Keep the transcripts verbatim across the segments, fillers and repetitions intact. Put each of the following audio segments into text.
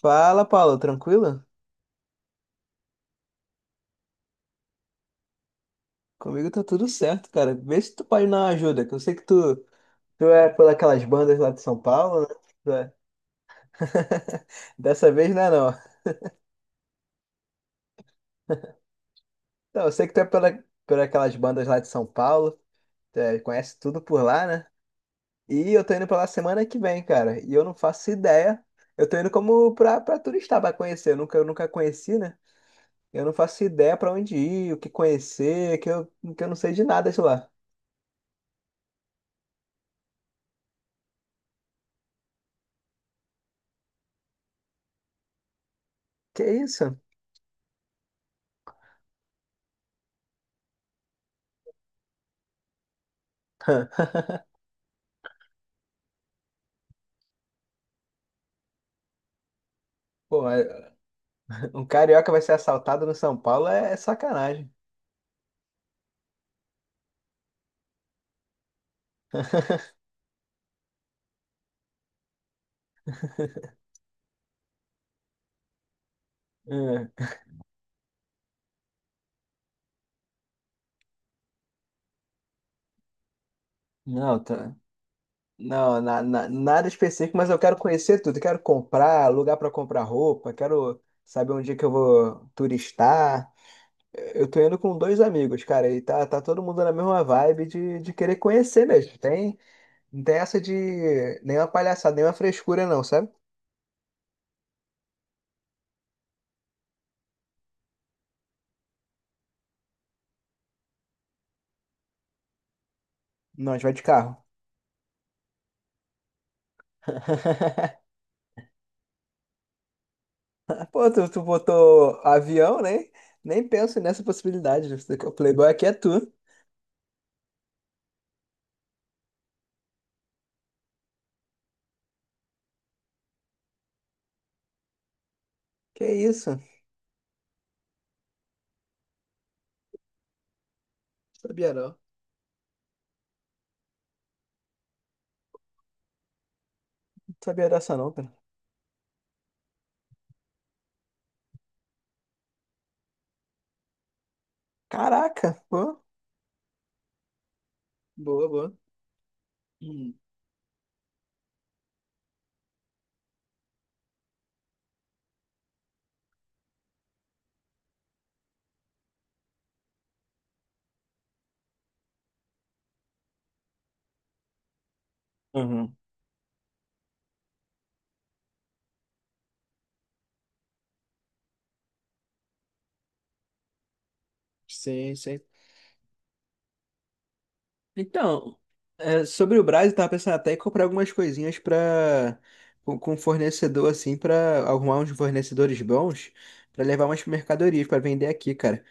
Fala, Paulo, tranquilo? Comigo tá tudo certo, cara. Vê se tu pode dar uma ajuda, que eu sei que tu, tu é por aquelas bandas lá de São Paulo, né? Tu é. Dessa vez não é não. Não, eu sei que tu é pela, por aquelas bandas lá de São Paulo, tu é, conhece tudo por lá, né? E eu tô indo pra lá semana que vem, cara. E eu não faço ideia. Eu tô indo como pra, pra turista, pra conhecer. Eu nunca, eu nunca conheci, né? Eu não faço ideia pra onde ir, o que conhecer, que eu, que eu não sei de nada de lá. Que isso? Pô, um carioca vai ser assaltado no São Paulo é, é sacanagem. É. Não, tá. Não, na- na- nada específico, mas eu quero conhecer tudo. Eu quero comprar, lugar para comprar roupa, quero saber onde é que eu vou turistar. Eu tô indo com dois amigos, cara, e tá, tá todo mundo na mesma vibe de, de querer conhecer mesmo. Tem, não tem essa de nenhuma palhaçada, nenhuma frescura, não, sabe? Não, a gente vai de carro. Pô, tu, tu botou avião, né? Nem penso nessa possibilidade. O Playboy aqui é tu. Que isso? Não sabia não. Não sabia dessa não, cara. Caraca, pô. Boa, boa. Hum. Uhum. Sim, sim. Então, é, sobre o Brás, eu tava pensando até em comprar algumas coisinhas pra com, com fornecedor assim, pra arrumar uns fornecedores bons, pra levar umas mercadorias pra vender aqui, cara.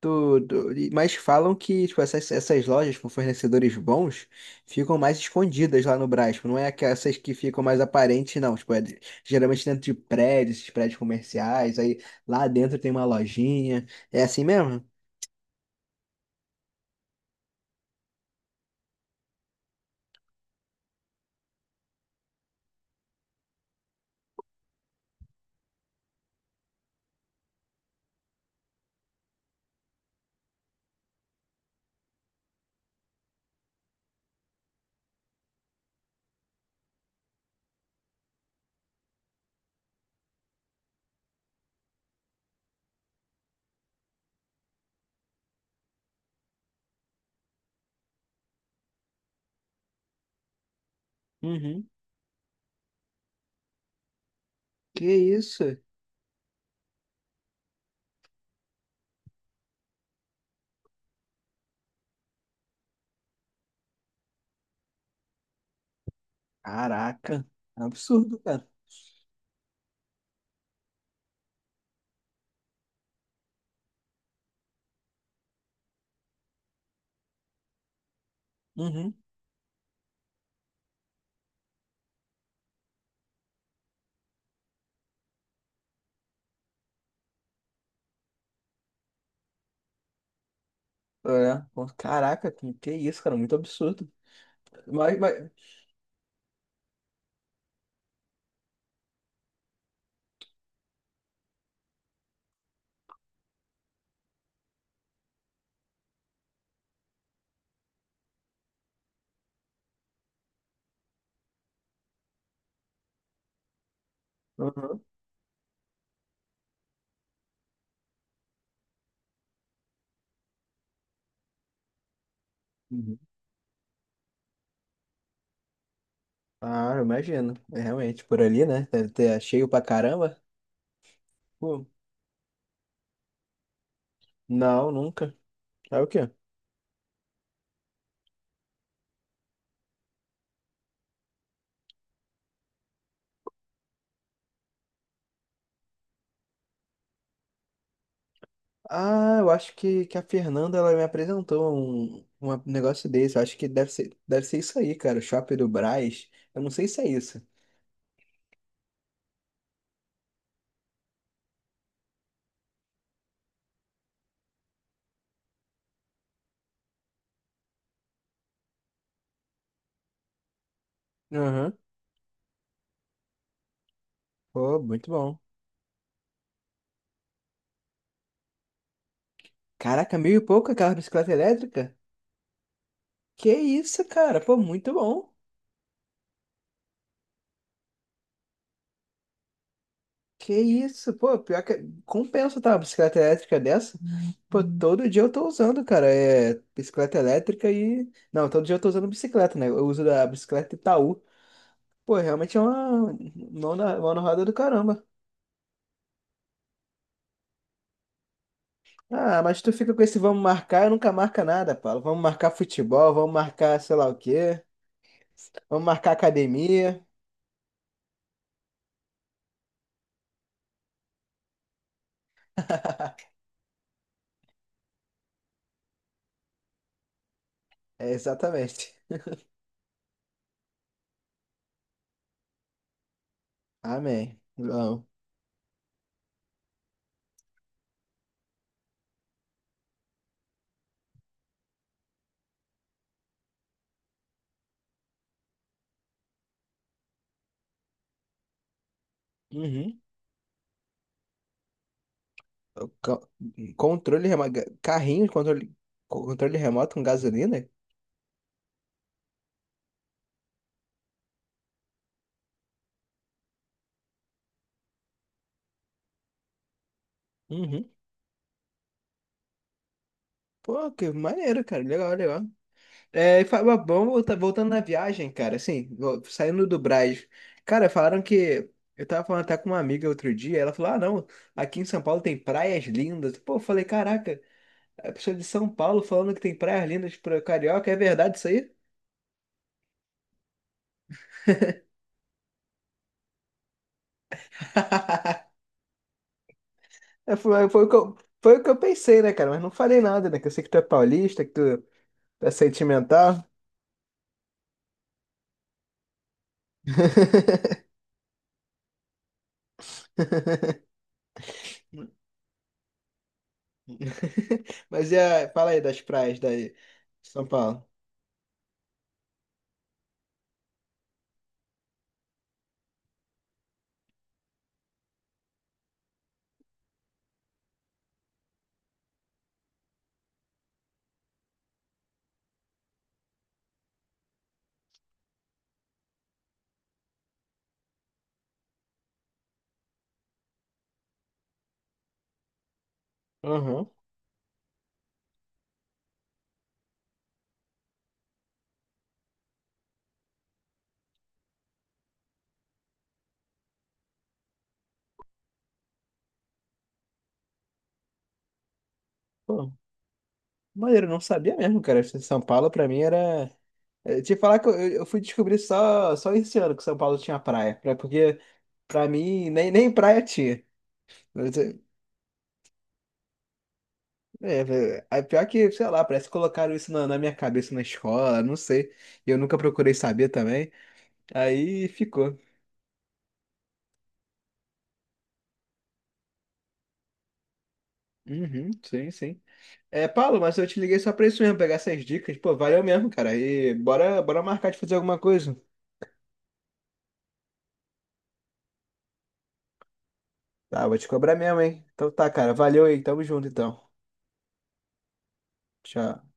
Tudo. E- Mas falam que tipo, essas, essas lojas com fornecedores bons ficam mais escondidas lá no Brás. Tipo, não é que essas que ficam mais aparentes, não. Tipo, é de- geralmente dentro de prédios, esses prédios comerciais. Aí lá dentro tem uma lojinha. É assim mesmo? Uhum. Que isso? Caraca. É um absurdo, cara. Uhum. É. Pô, caraca, que, que isso, cara. Muito absurdo. Mas, mas... Uhum. Uhum. Ah, eu imagino. É, realmente, por ali, né? Deve ter é cheio pra caramba. Pô. Não, nunca. É o quê? Ah, eu acho que, que a Fernanda ela me apresentou um, um negócio desse. Eu acho que deve ser, deve ser isso aí, cara. O Shopping do Brás. Eu não sei se é isso. Aham. Pô, muito bom. Caraca, mil e pouco aquela bicicleta elétrica? Que isso, cara? Pô, muito bom. Que isso? Pô, pior que compensa, tá? Uma bicicleta elétrica dessa? Pô, todo dia eu tô usando, cara. É bicicleta elétrica e. Não, todo dia eu tô usando bicicleta, né? Eu uso a bicicleta Itaú. Pô, realmente é uma mão na, mão na roda do caramba. Ah, mas tu fica com esse vamos marcar e nunca marca nada, Paulo. Vamos marcar futebol, vamos marcar sei lá o quê, vamos marcar academia. É, exatamente. Amém. Não. Uhum. O co- Controle remoto. Carrinho, controle, controle remoto com gasolina? Uhum. Pô, que maneiro, cara. Legal, legal. É, e Fábio Abão volta- voltando na viagem, cara, assim, vo- saindo do Brás. Cara, falaram que. Eu tava falando até com uma amiga outro dia, ela falou: ah, não, aqui em São Paulo tem praias lindas. Pô, eu falei: caraca, a pessoa é de São Paulo falando que tem praias lindas pra carioca, é verdade isso aí? É, Foi, foi o que eu, foi o que eu pensei, né, cara? Mas não falei nada, né? Que eu sei que tu é paulista, que tu é sentimental. Mas e a, fala aí das praias daí, São Paulo. Aham. Maneiro, eu não sabia mesmo, cara. São Paulo pra mim era. Eh, te falar que eu, eu fui descobrir só, só esse ano que São Paulo tinha praia. pra- Porque pra mim nem, nem praia tinha. Mas, eh, é, vé- é pior que, sei lá, parece que colocaram isso na, na minha cabeça na escola, não sei. Eu nunca procurei saber também. Aí ficou. Uhum, sim, sim. É, Paulo, mas eu te liguei só pra isso mesmo, pegar essas dicas. Pô, valeu mesmo, cara. E bora, bora marcar de fazer alguma coisa. Tá, vou te cobrar mesmo, hein? Então tá, cara. Valeu aí. Tamo junto, então. Tchau.